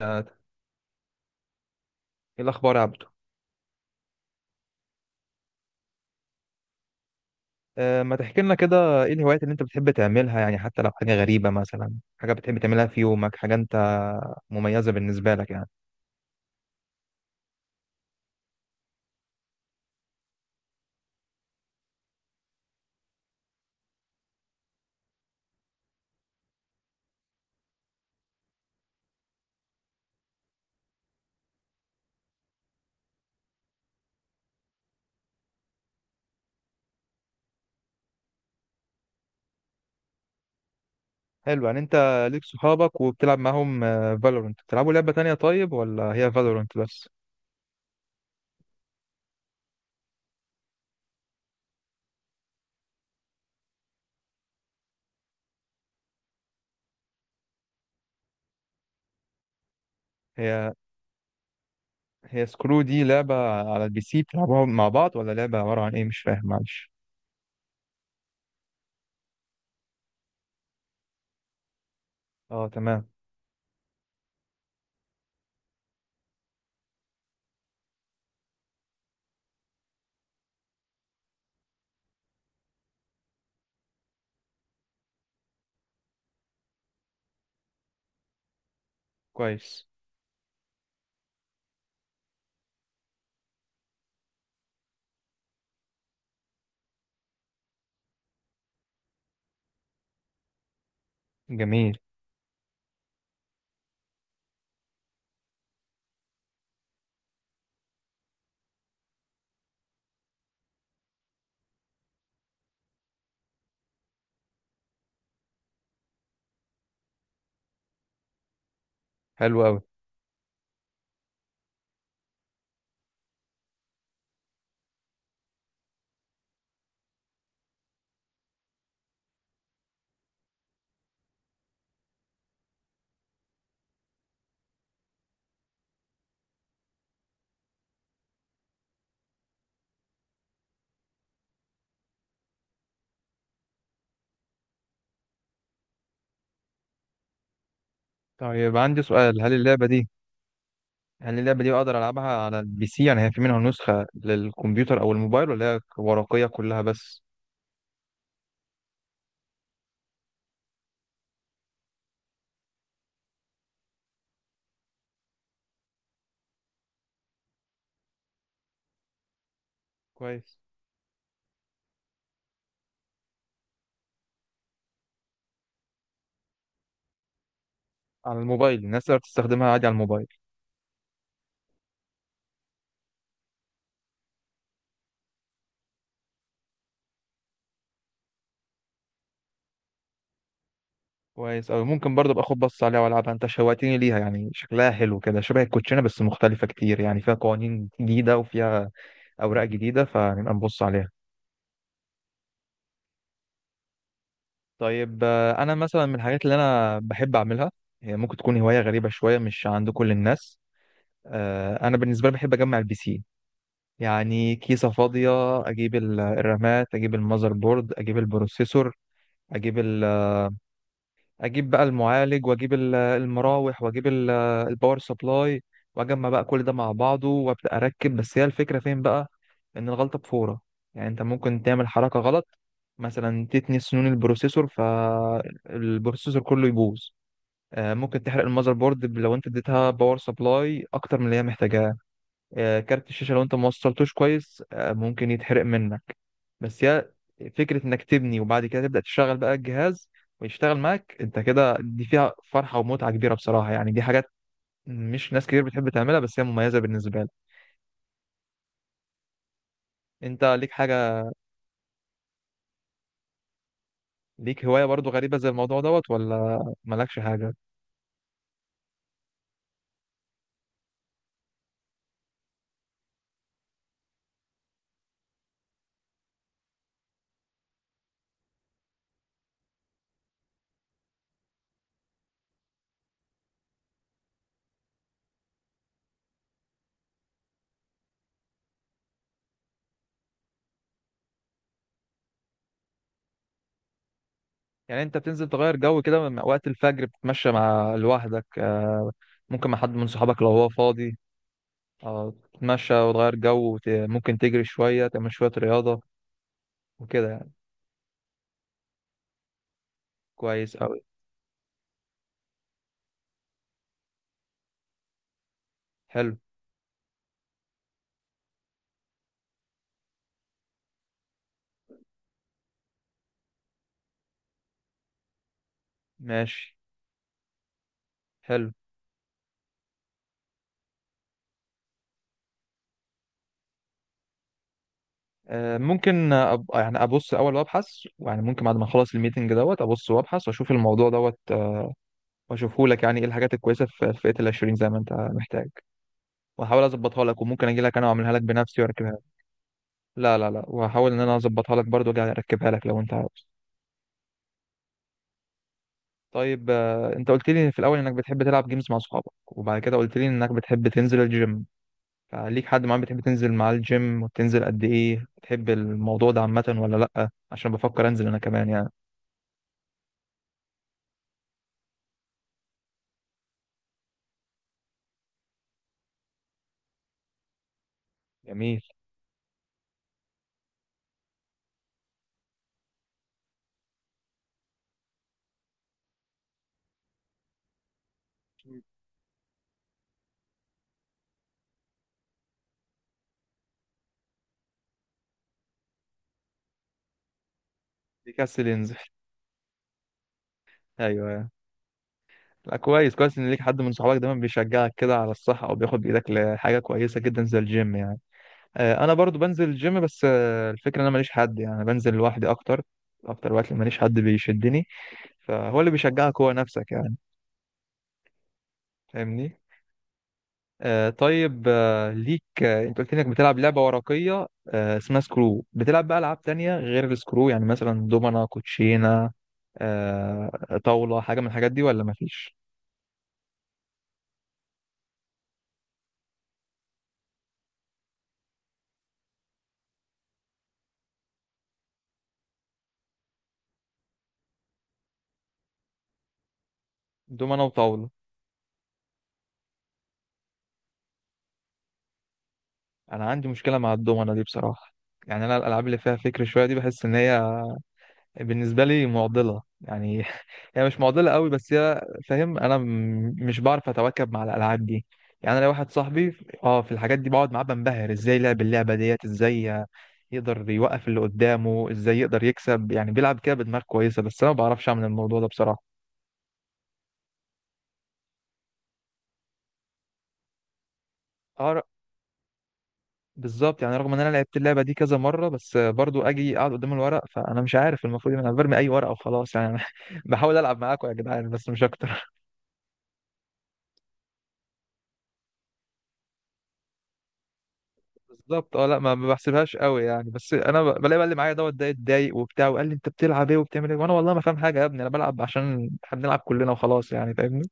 ايه الاخبار يا عبدو؟ ما تحكي لنا كده، ايه الهوايات اللي انت بتحب تعملها يعني، حتى لو حاجه غريبه مثلا، حاجه بتحب تعملها في يومك، حاجه انت مميزه بالنسبه لك يعني؟ حلو. يعني انت ليك صحابك وبتلعب معاهم فالورنت، بتلعبوا لعبه تانية طيب ولا هي فالورنت بس؟ هي هي سكرو دي لعبه على البي سي بتلعبوها مع بعض، ولا لعبه عباره عن ايه؟ مش فاهم معلش. اه تمام. كويس. جميل. حلو قوي. طيب، عندي سؤال، هل اللعبه دي يعني اللعبة دي بقدر ألعبها على البي سي؟ يعني هي في منها نسخة للكمبيوتر أو الموبايل ولا هي ورقية كلها بس؟ كويس. على الموبايل الناس تقدر تستخدمها عادي على الموبايل؟ كويس أوي. ممكن برضه أبقى أخد بص عليها وألعبها. أنت شوقتني ليها، يعني شكلها حلو كده شبه الكوتشينة بس مختلفة كتير، يعني فيها قوانين جديدة وفيها أوراق جديدة، فنبقى نبص عليها. طيب، أنا مثلا من الحاجات اللي أنا بحب أعملها، هي ممكن تكون هواية غريبة شوية مش عند كل الناس. أنا بالنسبة لي بحب أجمع البي سي، يعني كيسة فاضية أجيب الرامات، أجيب المذر بورد، أجيب البروسيسور، أجيب ال... أجيب بقى المعالج، وأجيب المراوح، وأجيب الباور سبلاي، وأجمع بقى كل ده مع بعضه وأبدأ أركب. بس هي الفكرة فين بقى؟ إن الغلطة بفورة، يعني أنت ممكن تعمل حركة غلط، مثلا تتني سنون البروسيسور فالبروسيسور كله يبوظ. ممكن تحرق المذر بورد لو انت اديتها باور سبلاي اكتر من اللي هي محتاجاه. كارت الشاشه لو انت ما وصلتوش كويس ممكن يتحرق منك. بس هي فكرة انك تبني وبعد كده تبدأ تشتغل بقى الجهاز ويشتغل معاك انت كده، دي فيها فرحة ومتعة كبيرة بصراحة يعني. دي حاجات مش ناس كتير بتحب تعملها، بس هي مميزة بالنسبة لك. انت ليك حاجة؟ ليك هواية برضو غريبة زي الموضوع دوت ولا مالكش حاجة؟ يعني انت بتنزل تغير جو كده وقت الفجر، بتتمشى مع لوحدك، ممكن مع حد من صحابك لو هو فاضي، تتمشى وتغير جو ممكن تجري شوية، تعمل شوية رياضة وكده يعني. كويس أوي. حلو. ماشي. حلو. ممكن يعني ابص الاول وابحث، يعني ممكن بعد ما اخلص الميتنج دوت ابص وابحث واشوف الموضوع دوت، واشوفه لك. يعني ايه الحاجات الكويسه في فئه ال 20 زي ما انت محتاج، واحاول اظبطها لك، وممكن اجي لك انا واعملها لك بنفسي واركبها لك. لا لا لا، وهحاول ان انا اظبطها لك برضو واجي اركبها لك لو انت عاوز. طيب، انت قلت لي في الاول انك بتحب تلعب جيمز مع صحابك، وبعد كده قلت لي انك بتحب تنزل الجيم. فليك حد معين بتحب تنزل معاه الجيم؟ وتنزل قد ايه؟ بتحب الموضوع ده عامه ولا لا؟ عشان بفكر انزل انا كمان يعني. جميل. بيكسل ينزل؟ ايوه. لا كويس، كويس ان ليك حد من صحابك دايما بيشجعك كده على الصحه، او بياخد بايدك لحاجه كويسه جدا زي الجيم يعني. انا برضو بنزل الجيم بس الفكره ان انا ماليش حد، يعني بنزل لوحدي اكتر. اكتر وقت ماليش حد بيشدني، فهو اللي بيشجعك هو نفسك يعني. فاهمني؟ طيب، ليك، انت قلت لي انك بتلعب لعبه ورقيه اسمها سكرو. بتلعب بقى العاب تانية غير السكرو؟ يعني مثلا دومنا، كوتشينه، طاوله، حاجه من الحاجات دي ولا مفيش؟ دومنا وطاوله. انا عندي مشكله مع الدومنه دي بصراحه. يعني انا الالعاب اللي فيها فكر شويه دي بحس ان هي بالنسبه لي معضله يعني. هي مش معضله قوي بس هي، فاهم، انا مش بعرف اتواكب مع الالعاب دي. يعني انا لو واحد صاحبي اه في الحاجات دي بقعد معاه بنبهر، ازاي لعب اللعبه ديت، ازاي يقدر يوقف اللي قدامه، ازاي يقدر يكسب، يعني بيلعب كده بدماغ كويسه، بس انا ما بعرفش اعمل الموضوع ده بصراحه. اه بالظبط، يعني رغم ان انا لعبت اللعبه دي كذا مره، بس برضو اجي اقعد قدام الورق فانا مش عارف المفروض انا برمي اي ورقه وخلاص يعني. بحاول العب معاكم يا جدعان بس مش اكتر. بالظبط اه. لا، ما ما بحسبهاش قوي يعني، بس انا بلاقي بقى اللي معايا دوت ده اتضايق وبتاع، وقال لي انت بتلعب ايه وبتعمل ايه، وانا والله ما فاهم حاجه يا ابني. انا بلعب عشان احنا بنلعب كلنا وخلاص يعني. فاهمني؟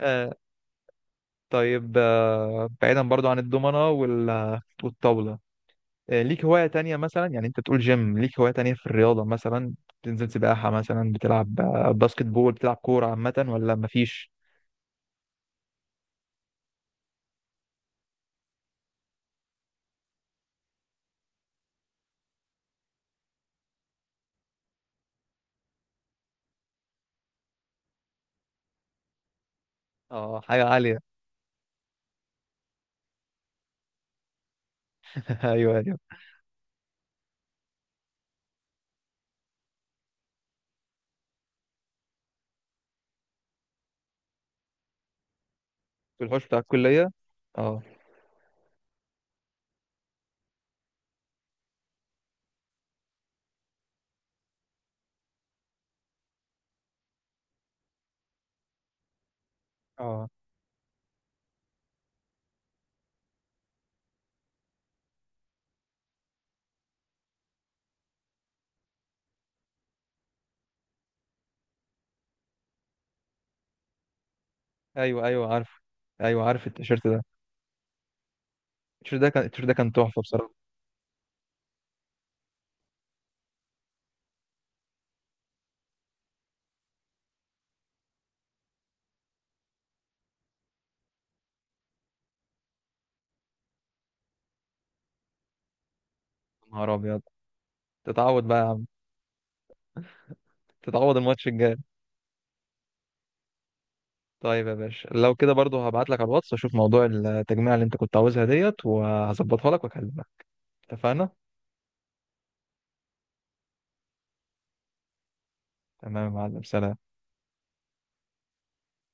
آه طيب، بعيدا برضو عن الضمنه والطاوله، ليك هواية تانية مثلا؟ يعني انت تقول جيم، ليك هواية تانية في الرياضة مثلا؟ بتنزل سباحة مثلا، بتلعب باسكت بول، بتلعب كورة عامة، ولا مفيش؟ اه حاجة عالية. ايوه ايوه. في الحوش بتاع الكلية. اه. اه ايوه ايوه عارف. ايوه عارف التيشيرت ده. التيشيرت ده كان، التيشيرت ده كان تحفة بصراحة. يا نهار ابيض. تتعود بقى يا عم. تتعود الماتش الجاي. طيب يا باشا، لو كده برضو هبعت لك على الواتس، اشوف موضوع التجميع اللي انت كنت عاوزها ديت، وهظبطها لك واكلمك. اتفقنا؟ تمام يا معلم، سلام.